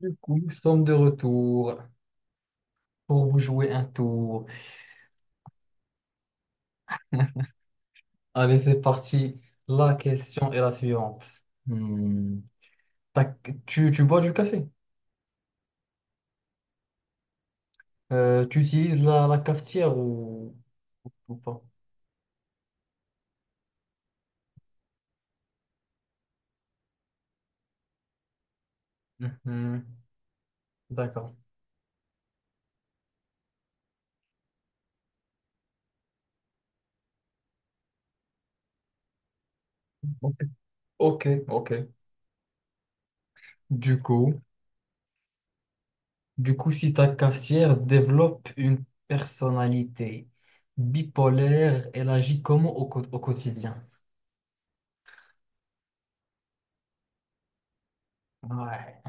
Du coup, nous sommes de retour pour vous jouer un tour. Allez, c'est parti. La question est la suivante. Hmm. T'as- tu bois du café? Tu utilises la cafetière ou pas? Mhm. D'accord. Ok, ok. Ok. Du coup, du coup, si ta cafetière développe une personnalité bipolaire, elle agit comment au, au quotidien? Ouais.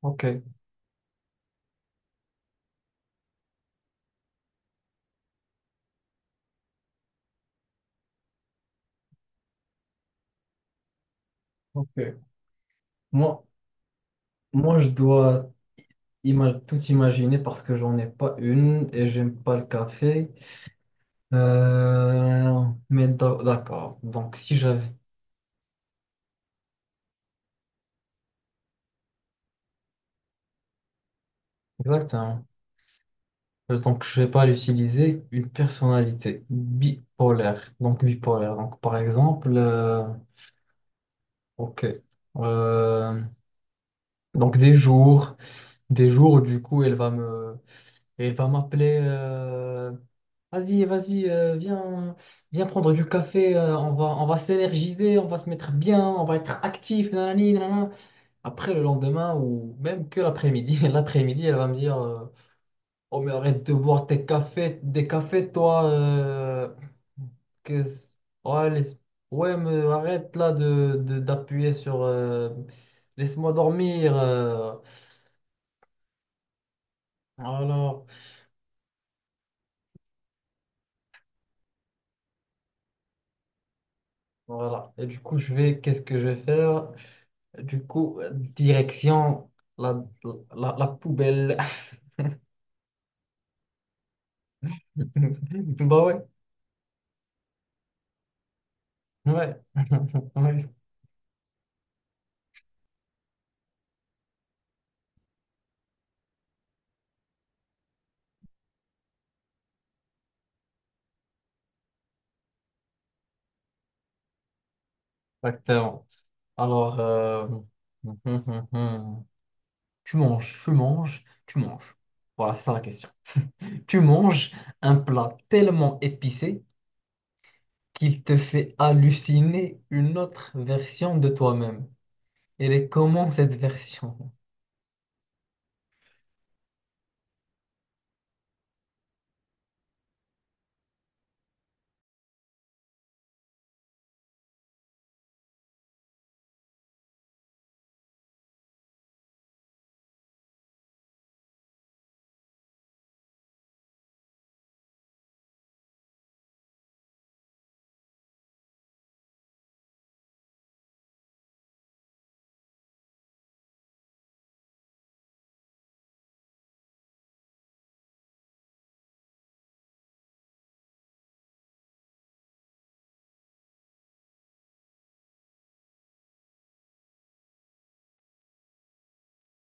Ok, ok. Moi, moi, je dois tout imaginer parce que j'en ai pas une et j'aime pas le café. Euh, mais d'accord. Donc si j'avais exactement. Donc je vais pas l'utiliser. Une personnalité bipolaire. Donc bipolaire. Donc par exemple, ok. Euh, donc des jours où, du coup elle va me et il va m'appeler. Vas-y vas-y, viens, viens prendre du café. On va s'énergiser, on va se mettre bien, on va être actif. Nanani, nanana. Après le lendemain ou même que l'après-midi, l'après-midi, elle va me dire, oh mais arrête de boire tes cafés, des cafés, toi. Que c- ouais, ouais, mais arrête là de, d'appuyer sur laisse-moi dormir. Voilà. Voilà et du coup je vais qu'est-ce que je vais faire. Du coup, direction la, la, la poubelle. Bah ouais, ouais, ouais, exactement. Alors, tu manges. Voilà, c'est ça la question. Tu manges un plat tellement épicé qu'il te fait halluciner une autre version de toi-même. Elle est comment cette version?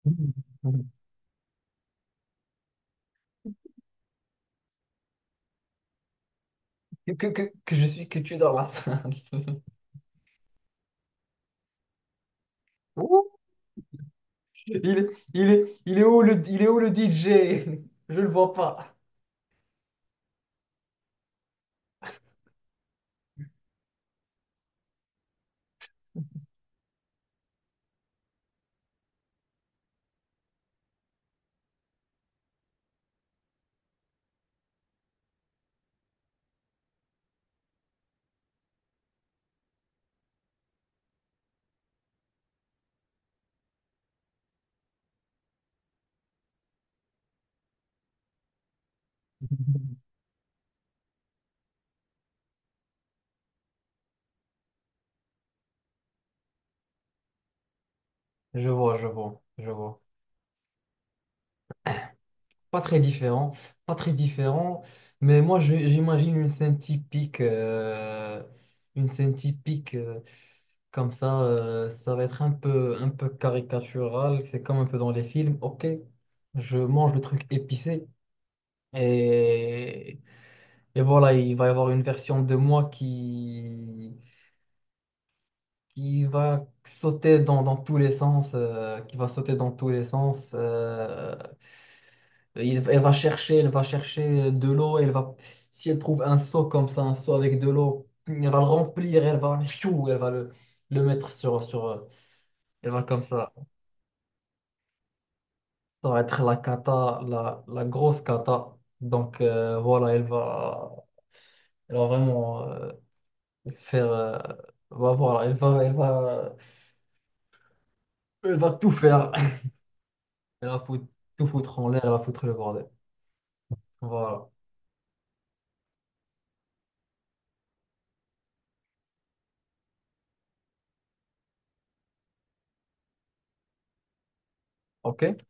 Que je suis, que tu es dans la salle. Il est où le, il est où le DJ? Je le vois pas. Je vois, je vois, je vois. Pas très différent, pas très différent. Mais moi, j'imagine une scène typique comme ça. Ça va être un peu caricatural. C'est comme un peu dans les films. Ok, je mange le truc épicé et, et voilà, il va y avoir une version de moi qui va sauter dans, dans tous les sens, qui va sauter dans tous les sens. Elle va chercher de l'eau, elle va, si elle trouve un seau comme ça, un seau avec de l'eau, elle va le remplir, elle va, chou, elle va le mettre sur, sur, elle va comme ça. Ça va être la cata, la grosse cata. Donc voilà, elle va vraiment faire, voilà, elle va, elle va, elle va tout faire. Elle va foutre, tout foutre en l'air, elle va foutre le bordel. Voilà. OK.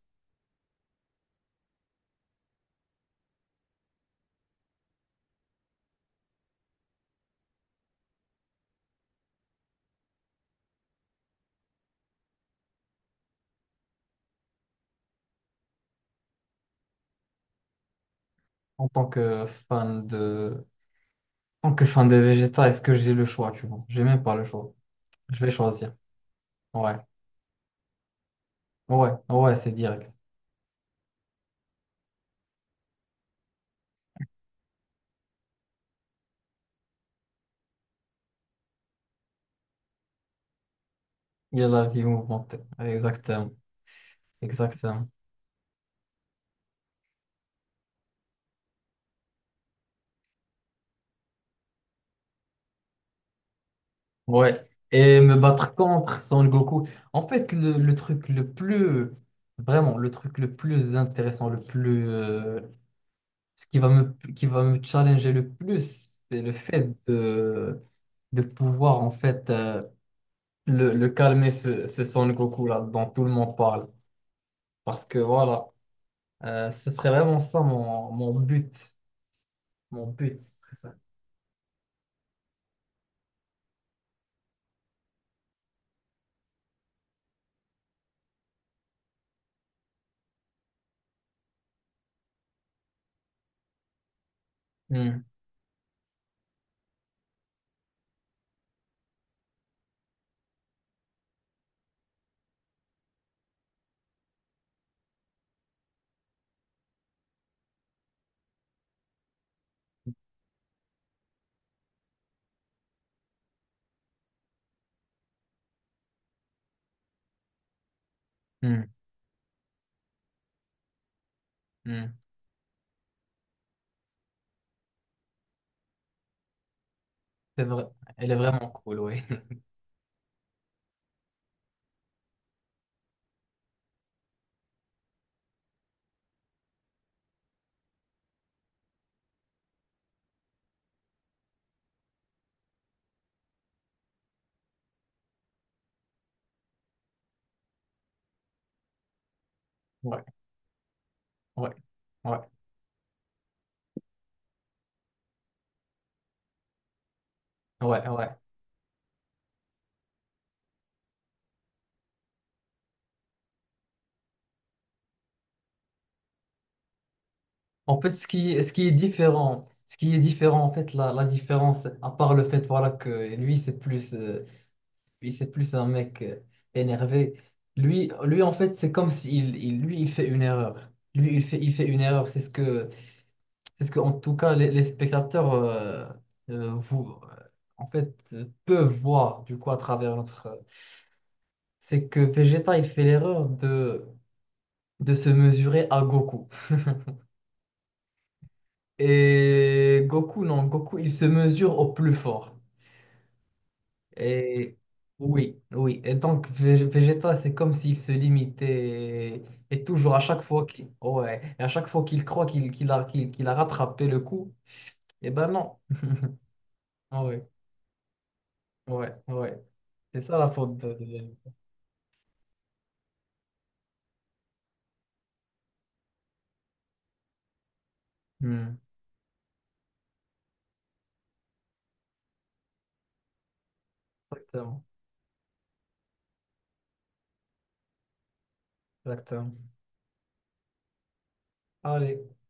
En tant que fan de... En tant que fan de Vegeta, est-ce que j'ai le choix, tu vois? J'ai même pas le choix. Je vais choisir. Ouais. Ouais. Ouais, c'est direct. Il y a la vie mouvementée. Exactement. Exactement. Ouais. Et me battre contre Son Goku. En fait, le truc le plus... Vraiment, le truc le plus intéressant, le plus... ce qui va me challenger le plus, c'est le fait de pouvoir, en fait... le calmer ce, ce Son Goku là dont tout le monde parle. Parce que voilà, ce serait vraiment ça mon, mon but. Mon but, ce serait ça. Hmm, hmm, hmm. C'est vrai. Elle est vraiment cool, oui. Ouais, ouais, ouais, ouais, ouais. En fait, ce qui est différent, ce qui est différent, en fait, la différence, à part le fait, voilà, que lui, c'est plus un mec énervé. Lui, en fait, c'est comme s'il, il, lui, il fait une erreur. Lui, il fait une erreur. C'est ce que, c'est ce que, en tout cas, les spectateurs vous, en fait, peuvent voir du coup à travers notre. C'est que Vegeta, il fait l'erreur de se mesurer à Goku. Et Goku, non, Goku, il se mesure au plus fort. Et oui, oui. Et donc, Vegeta, c'est comme s'il se limitait. Et toujours, à chaque fois qu'il ouais. Et à chaque fois qu'il croit qu'il, qu'il a rattrapé le coup, eh ben non. Ah ouais, ouais, ouais. C'est ça la faute de Vegeta. Hmm. Exactement. Exactement. Allez.